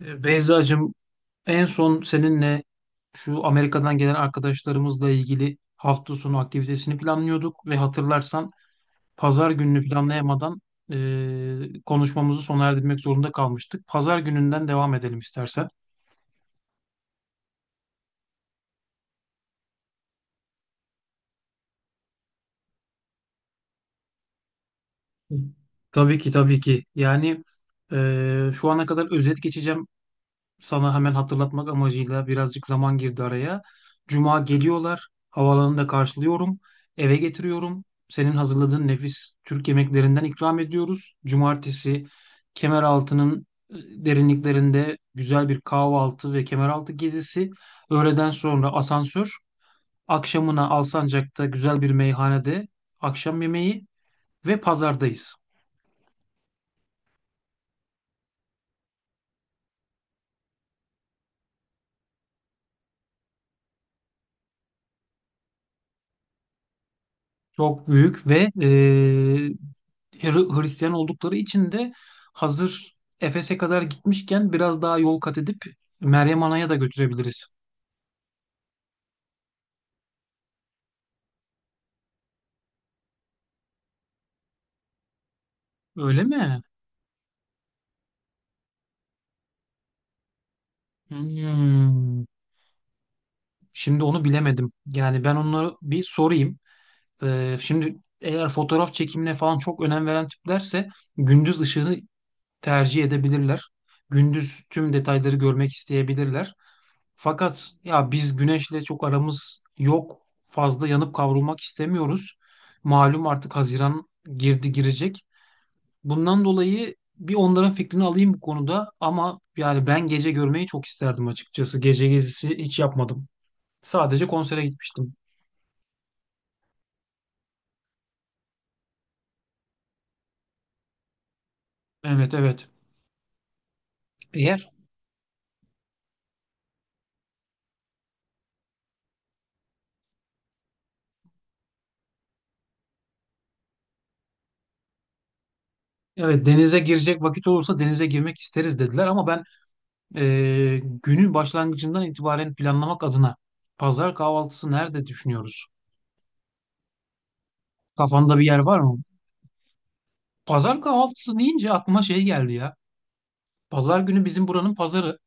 Beyzacığım, en son seninle şu Amerika'dan gelen arkadaşlarımızla ilgili hafta sonu aktivitesini planlıyorduk ve hatırlarsan pazar gününü planlayamadan konuşmamızı sona erdirmek zorunda kalmıştık. Pazar gününden devam edelim istersen. Tabii ki, tabii ki. Yani şu ana kadar özet geçeceğim sana, hemen hatırlatmak amacıyla birazcık zaman girdi araya. Cuma geliyorlar. Havaalanında karşılıyorum. Eve getiriyorum. Senin hazırladığın nefis Türk yemeklerinden ikram ediyoruz. Cumartesi Kemeraltı'nın derinliklerinde güzel bir kahvaltı ve Kemeraltı gezisi. Öğleden sonra asansör. Akşamına Alsancak'ta güzel bir meyhanede akşam yemeği ve pazardayız. Çok büyük ve Hristiyan oldukları için de hazır Efes'e kadar gitmişken biraz daha yol kat edip Meryem Ana'ya da götürebiliriz. Öyle mi? Hmm. Şimdi onu bilemedim. Yani ben onu bir sorayım. Şimdi eğer fotoğraf çekimine falan çok önem veren tiplerse gündüz ışığını tercih edebilirler. Gündüz tüm detayları görmek isteyebilirler. Fakat ya biz güneşle çok aramız yok. Fazla yanıp kavrulmak istemiyoruz. Malum artık Haziran girdi girecek. Bundan dolayı bir onların fikrini alayım bu konuda, ama yani ben gece görmeyi çok isterdim açıkçası. Gece gezisi hiç yapmadım. Sadece konsere gitmiştim. Evet, evet. Eğer evet, denize girecek vakit olursa denize girmek isteriz dediler, ama ben eee, günün başlangıcından itibaren planlamak adına pazar kahvaltısı nerede düşünüyoruz? Kafanda bir yer var mı? Pazar kahvaltısı deyince aklıma şey geldi ya. Pazar günü bizim buranın pazarı.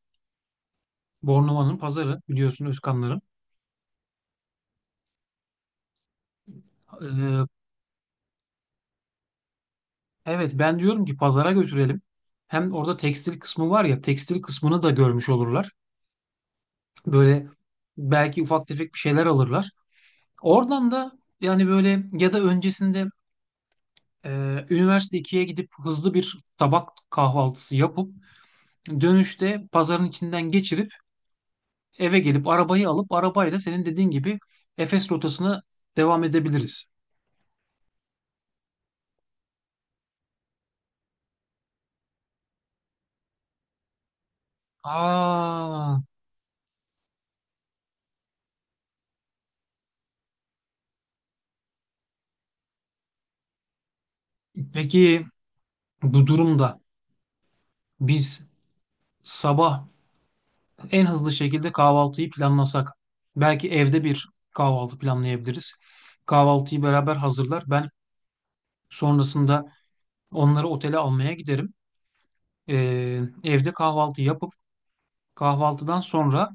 Bornova'nın pazarı biliyorsun, Özkanların. Ee, evet, ben diyorum ki pazara götürelim. Hem orada tekstil kısmı var ya, tekstil kısmını da görmüş olurlar. Böyle belki ufak tefek bir şeyler alırlar. Oradan da yani böyle ya da öncesinde üniversite ikiye gidip hızlı bir tabak kahvaltısı yapıp dönüşte pazarın içinden geçirip eve gelip arabayı alıp arabayla senin dediğin gibi Efes rotasına devam edebiliriz. Aa, peki bu durumda biz sabah en hızlı şekilde kahvaltıyı planlasak belki evde bir kahvaltı planlayabiliriz. Kahvaltıyı beraber hazırlar. Ben sonrasında onları otele almaya giderim. Evde kahvaltı yapıp kahvaltıdan sonra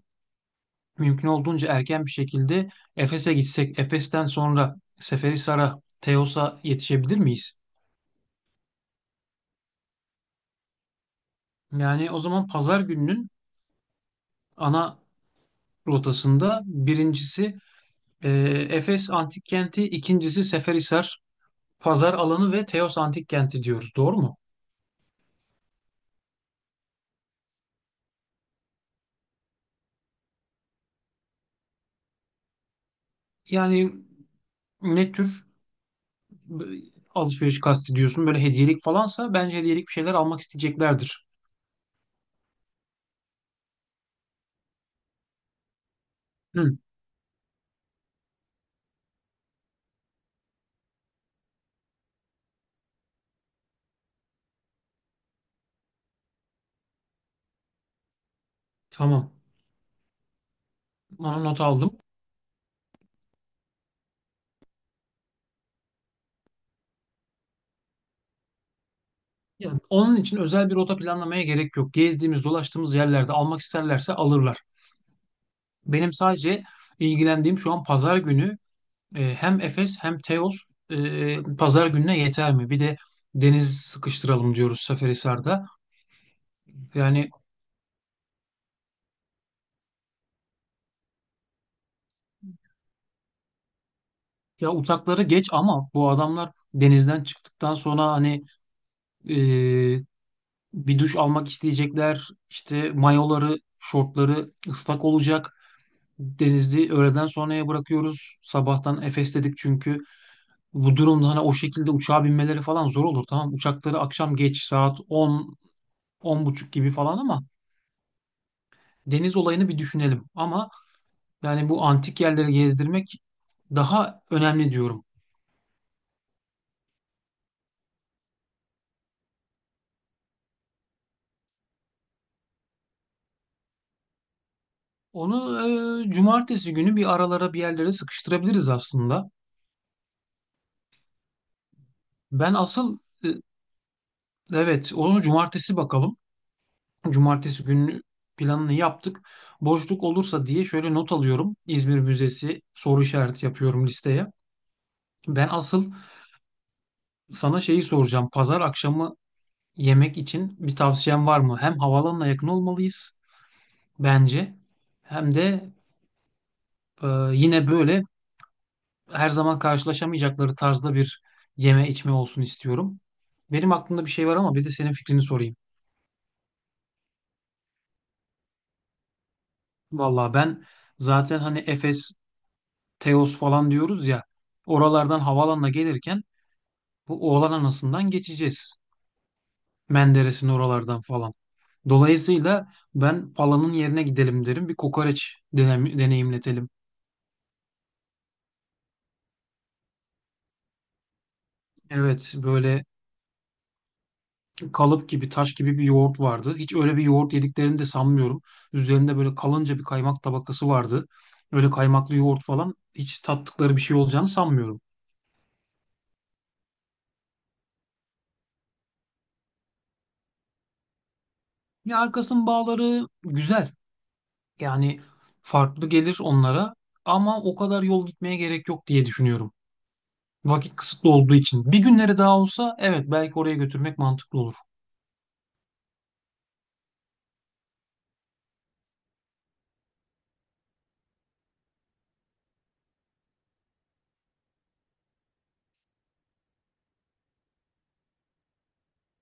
mümkün olduğunca erken bir şekilde Efes'e gitsek, Efes'ten sonra Seferihisar'a, Teos'a yetişebilir miyiz? Yani o zaman pazar gününün ana rotasında birincisi e, Efes Antik Kenti, ikincisi Seferihisar pazar alanı ve Teos Antik Kenti diyoruz. Doğru mu? Yani ne tür e, alışveriş kastediyorsun? Böyle hediyelik falansa bence hediyelik bir şeyler almak isteyeceklerdir. Hı, tamam. Onu not aldım. Ya onun için özel bir rota planlamaya gerek yok. Gezdiğimiz, dolaştığımız yerlerde almak isterlerse alırlar. Benim sadece ilgilendiğim şu an pazar günü hem Efes hem Teos pazar gününe yeter mi? Bir de deniz sıkıştıralım diyoruz Seferihisar'da. Yani ya uçakları geç, ama bu adamlar denizden çıktıktan sonra hani e, bir duş almak isteyecekler. İşte mayoları, şortları ıslak olacak. Denizli öğleden sonraya bırakıyoruz. Sabahtan Efes dedik çünkü. Bu durumda hani o şekilde uçağa binmeleri falan zor olur, tamam. Uçakları akşam geç saat 10, 10 buçuk gibi falan, ama deniz olayını bir düşünelim. Ama yani bu antik yerleri gezdirmek daha önemli diyorum. Onu cumartesi günü bir aralara bir yerlere sıkıştırabiliriz aslında. Ben asıl e, evet, onu cumartesi bakalım. Cumartesi günü planını yaptık. Boşluk olursa diye şöyle not alıyorum. İzmir Müzesi soru işareti yapıyorum listeye. Ben asıl Sana şeyi soracağım. Pazar akşamı yemek için bir tavsiyen var mı? Hem havalanına yakın olmalıyız bence. Hem de e, yine böyle her zaman karşılaşamayacakları tarzda bir yeme içme olsun istiyorum. Benim aklımda bir şey var ama bir de senin fikrini sorayım. Vallahi ben zaten hani Efes, Teos falan diyoruz ya. Oralardan havalanına gelirken bu Oğlan Anası'ndan geçeceğiz. Menderes'in oralardan falan. Dolayısıyla ben Pala'nın yerine gidelim derim. Bir kokoreç deneyimletelim. Evet, böyle kalıp gibi taş gibi bir yoğurt vardı. Hiç öyle bir yoğurt yediklerini de sanmıyorum. Üzerinde böyle kalınca bir kaymak tabakası vardı. Öyle kaymaklı yoğurt falan hiç tattıkları bir şey olacağını sanmıyorum. Ya arkasının bağları güzel. Yani farklı gelir onlara ama o kadar yol gitmeye gerek yok diye düşünüyorum. Vakit kısıtlı olduğu için. Bir günleri daha olsa evet, belki oraya götürmek mantıklı olur.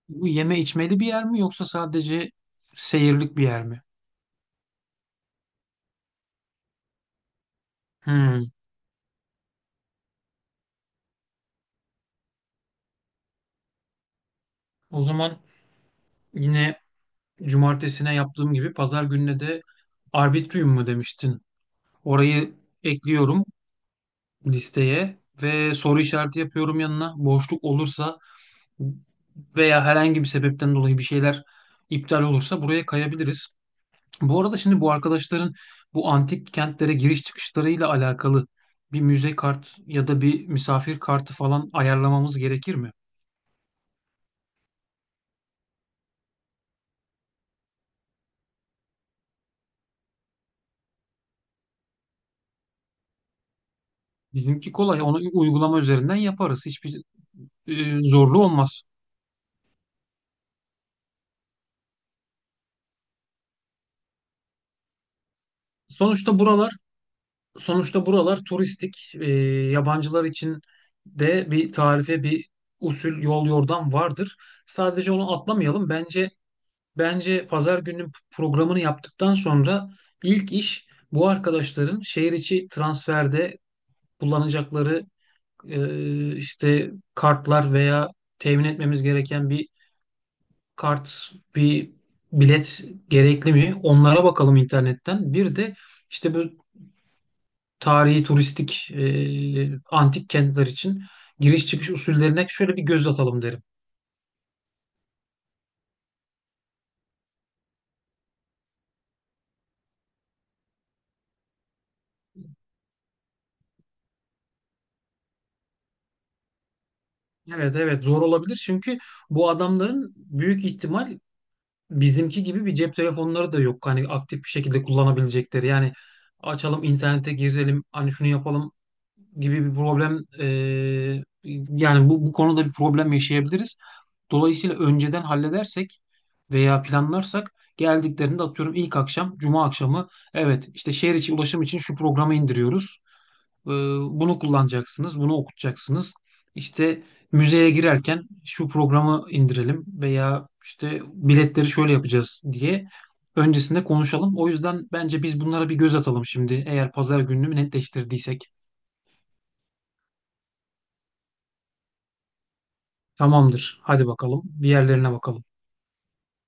Bu yeme içmeli bir yer mi yoksa sadece seyirlik bir yer mi? Hmm. O zaman yine cumartesine yaptığım gibi pazar gününe de Arbitrium mu demiştin? Orayı ekliyorum listeye ve soru işareti yapıyorum yanına. Boşluk olursa veya herhangi bir sebepten dolayı bir şeyler iptal olursa buraya kayabiliriz. Bu arada şimdi bu arkadaşların bu antik kentlere giriş çıkışlarıyla alakalı bir müze kart ya da bir misafir kartı falan ayarlamamız gerekir mi? Bizimki kolay. Onu uygulama üzerinden yaparız. Hiçbir zorluğu olmaz. Sonuçta buralar Sonuçta buralar turistik. Yabancılar için de bir tarife, bir usul, yol yordam vardır. Sadece onu atlamayalım. Bence pazar gününün programını yaptıktan sonra ilk iş bu arkadaşların şehir içi transferde kullanacakları işte kartlar veya temin etmemiz gereken bir kart, bir bilet gerekli mi? Onlara bakalım internetten. Bir de işte bu tarihi turistik antik kentler için giriş çıkış usullerine şöyle bir göz atalım derim. Evet, evet, zor olabilir çünkü bu adamların büyük ihtimal bizimki gibi bir cep telefonları da yok. Hani aktif bir şekilde kullanabilecekleri. Yani açalım internete girelim hani şunu yapalım gibi bir problem yani bu konuda bir problem yaşayabiliriz. Dolayısıyla önceden halledersek veya planlarsak geldiklerinde atıyorum ilk akşam, cuma akşamı evet işte şehir içi ulaşım için şu programı indiriyoruz. Ee, Bunu kullanacaksınız, bunu okutacaksınız. İşte müzeye girerken şu programı indirelim veya işte biletleri şöyle yapacağız diye öncesinde konuşalım. O yüzden bence biz bunlara bir göz atalım şimdi eğer pazar gününü netleştirdiysek. Tamamdır. Hadi bakalım. Bir yerlerine bakalım.